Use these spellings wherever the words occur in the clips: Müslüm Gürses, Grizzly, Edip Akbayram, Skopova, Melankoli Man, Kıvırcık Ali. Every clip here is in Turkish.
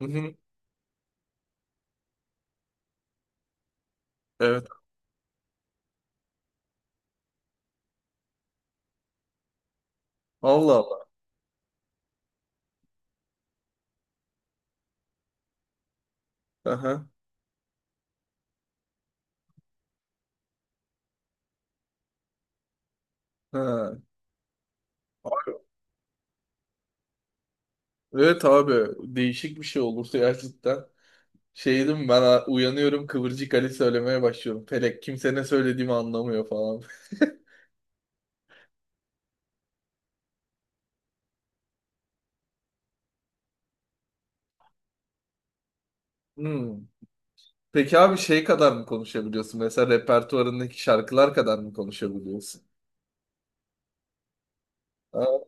Hı hı. Evet. Allah Allah. Aha. Ha. Abi, evet abi. Değişik bir şey olursa gerçekten. Şeydim ben uyanıyorum, Kıvırcık Ali söylemeye başlıyorum. Felek kimse ne söylediğimi anlamıyor falan. Hmm. Peki abi şey kadar mı konuşabiliyorsun? Mesela repertuarındaki şarkılar kadar mı konuşabiliyorsun? Ha,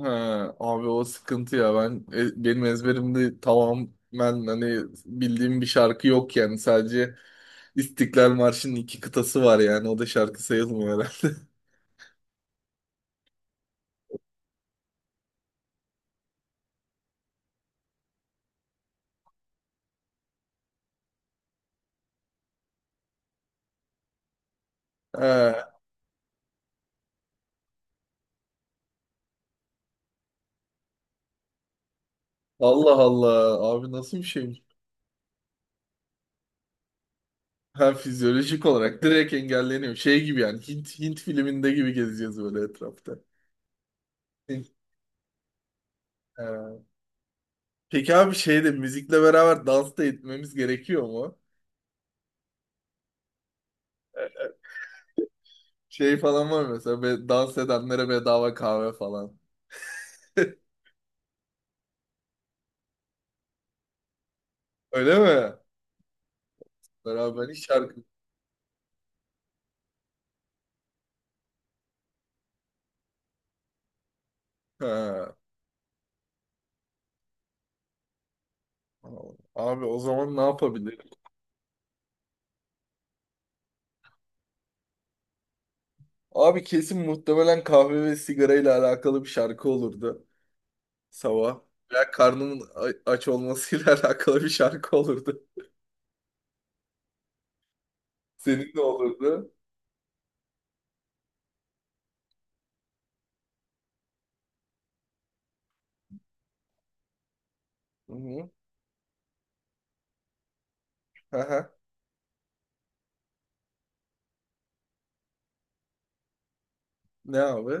ha, Abi o sıkıntı ya, ben benim ezberimde tamamen, hani bildiğim bir şarkı yok yani, sadece İstiklal Marşı'nın iki kıtası var yani. O da şarkı sayılmıyor herhalde. Ha, Allah Allah. Abi nasıl bir şeymiş? Ha, fizyolojik olarak direkt engelleniyor. Şey gibi yani, Hint filminde gibi gezeceğiz böyle etrafta. Hint- ha. Peki abi şeyde müzikle beraber dans da etmemiz gerekiyor mu? E, e, Şey falan var mı mesela, dans edenlere bedava kahve falan. Öyle mi? Beraber hiç şarkı. Ha. Abi o zaman ne yapabiliriz? Abi kesin muhtemelen kahve ve sigarayla alakalı bir şarkı olurdu sabah. Veya karnının aç olmasıyla alakalı bir şarkı olurdu. Senin ne olurdu? Hı hı. Aha. Ne abi?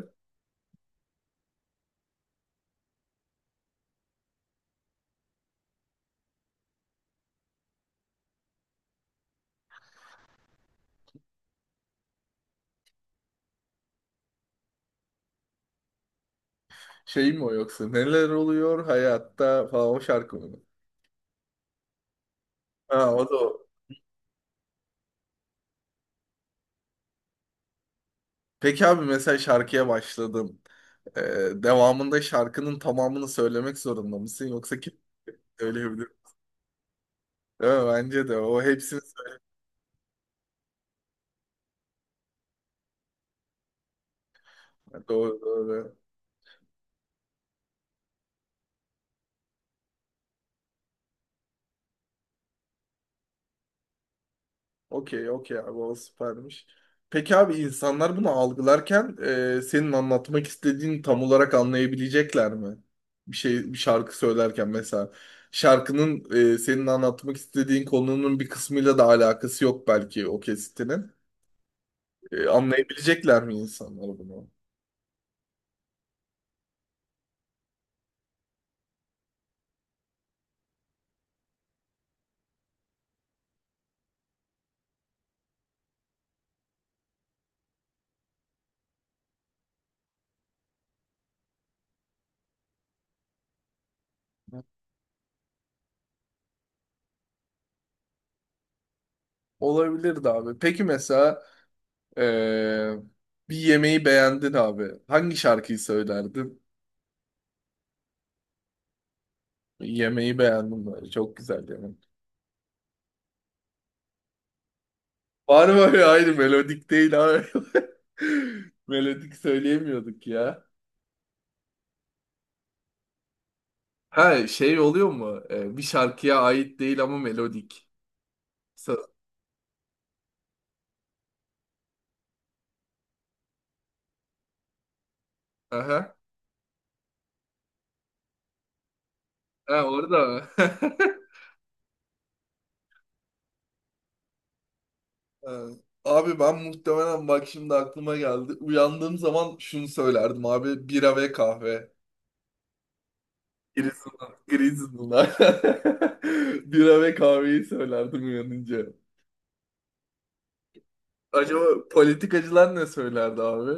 Şey mi o yoksa? Neler oluyor hayatta falan, o şarkı mı? Ha, o da o. Peki abi mesela şarkıya başladım, devamında şarkının tamamını söylemek zorunda mısın? Yoksa kim söyleyebilir? Değil mi? Bence de o hepsini söyle. Doğru, doğru. Okey okey abi, o süpermiş. Peki abi, insanlar bunu algılarken senin anlatmak istediğini tam olarak anlayabilecekler mi? Bir şey, bir şarkı söylerken mesela, şarkının senin anlatmak istediğin konunun bir kısmıyla da alakası yok belki, o kesitinin. Anlayabilecekler mi insanlar bunu? Olabilirdi abi. Peki mesela e, bir yemeği beğendin abi. Hangi şarkıyı söylerdin? Yemeği beğendim böyle. Çok güzel yemek. Var mı öyle? Aynı melodik değil abi. Melodik söyleyemiyorduk ya. Ha, şey oluyor mu? Bir şarkıya ait değil ama melodik. Sa- Aha. Ha, orada mı? Ha. Abi ben muhtemelen, bak şimdi aklıma geldi, uyandığım zaman şunu söylerdim abi. Bira ve kahve. Grizzly'lar. Grizzly'lar. Bira ve kahveyi söylerdim uyanınca. Acaba politikacılar ne söylerdi abi?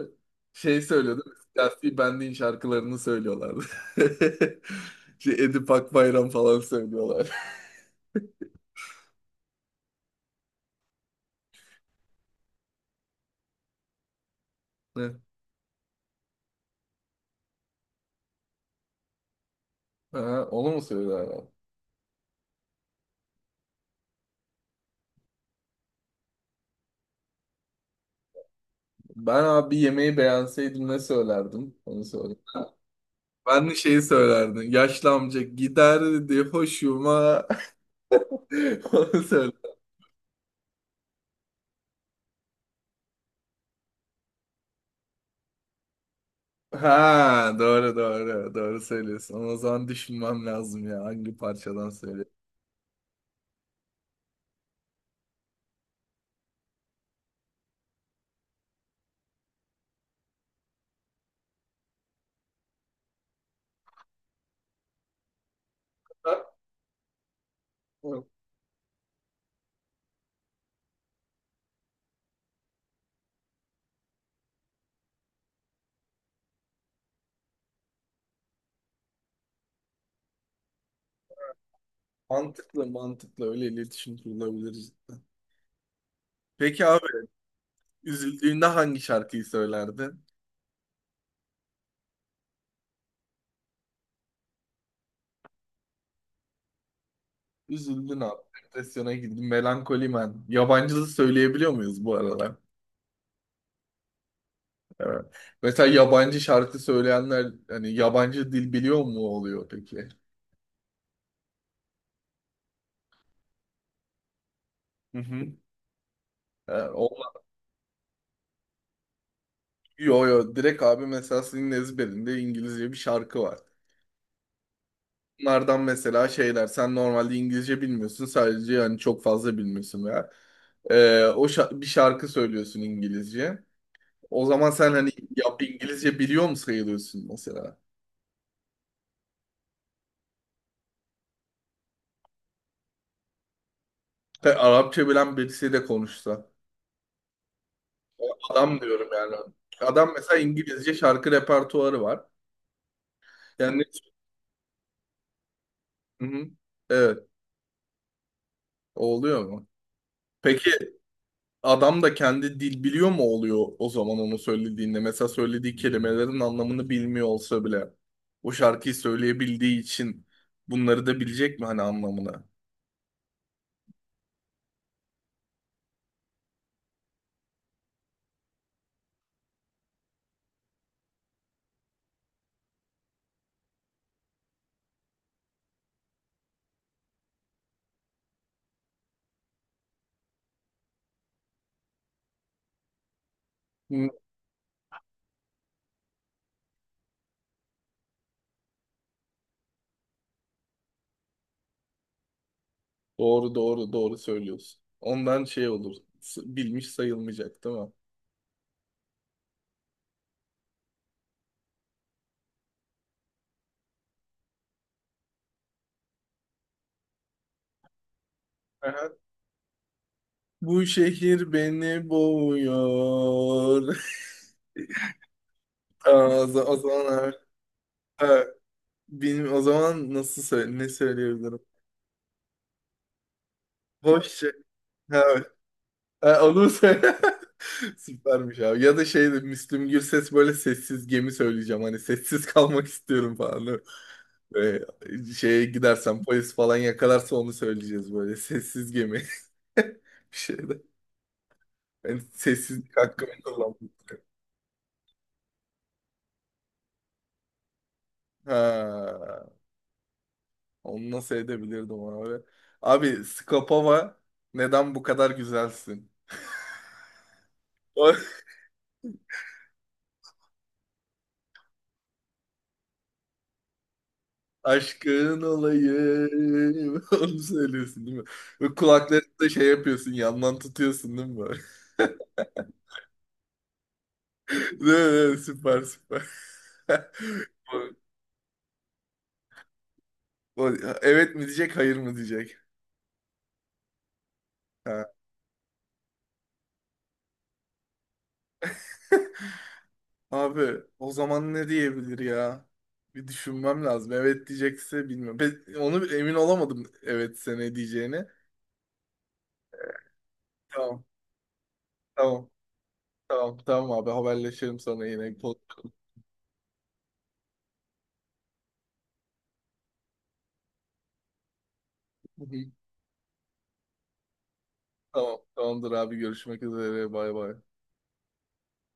Şey söylüyordu. Siyasi Bendi'nin şarkılarını söylüyorlardı. Şey, Edip Akbayram falan söylüyorlar. Ne? Ha, onu mu söylerler? Ben abi yemeği beğenseydim ne söylerdim? Onu söyle. Ben de şeyi söylerdim. Yaşlı amca giderdi hoşuma. Onu söylerdim. Ha, doğru söylüyorsun. Ama o zaman düşünmem lazım ya, hangi parçadan söylüyorum. Ha, evet. Mantıklı, mantıklı, öyle iletişim kurulabilir cidden. Peki abi, üzüldüğünde hangi şarkıyı söylerdin? Üzüldün abi. Depresyona girdin. Melankoli Man. Yabancı söyleyebiliyor muyuz bu arada? Evet. Mesela yabancı şarkı söyleyenler hani yabancı dil biliyor mu oluyor peki? Hı hı. Ha, yo direkt abi, mesela senin ezberinde İngilizce bir şarkı var. Bunlardan mesela şeyler, sen normalde İngilizce bilmiyorsun, sadece yani çok fazla bilmiyorsun veya bir şarkı söylüyorsun İngilizce. O zaman sen hani, ya İngilizce biliyor mu sayılıyorsun mesela? Ve Arapça bilen birisi de konuşsa. Adam diyorum yani. Adam mesela İngilizce şarkı repertuarı var. Yani, hı hı, evet, o oluyor mu? Peki, adam da kendi dil biliyor mu oluyor o zaman onu söylediğinde? Mesela söylediği kelimelerin anlamını bilmiyor olsa bile, o şarkıyı söyleyebildiği için bunları da bilecek mi hani, anlamını? Hı. Doğru söylüyorsun. Ondan şey olur. Bilmiş sayılmayacak değil mi? Aha. Bu şehir beni boğuyor. Aa, o zaman evet. Ha, benim o zaman nasıl söyle ne söyleyebilirim? Hoşça. Ha, evet. Ha, onu söyle. Süpermiş abi. Ya da şey de, Müslüm Gürses böyle, sessiz gemi söyleyeceğim. Hani sessiz kalmak istiyorum falan. Böyle, şeye gidersen, polis falan yakalarsa onu söyleyeceğiz böyle. Sessiz gemi. Bir şey de. Yani sessizlik hakkımı kullandım. Ha. Onu nasıl edebilirdim abi? Abi Skopova neden bu kadar güzelsin? O- Aşkın olayım. Onu söylüyorsun değil mi? Ve kulaklarında şey yapıyorsun, yandan tutuyorsun değil mi böyle? Değil mi? Süper, süper. o- Evet mi diyecek, hayır mı diyecek? Ha. Abi o zaman ne diyebilir ya? Bir düşünmem lazım. Evet diyecekse bilmiyorum. Ben onu emin olamadım evet sene diyeceğini. Tamam. Tamam. Tamam abi, haberleşelim sana yine. Hı hı. Tamam, tamamdır abi, görüşmek üzere, bay bay.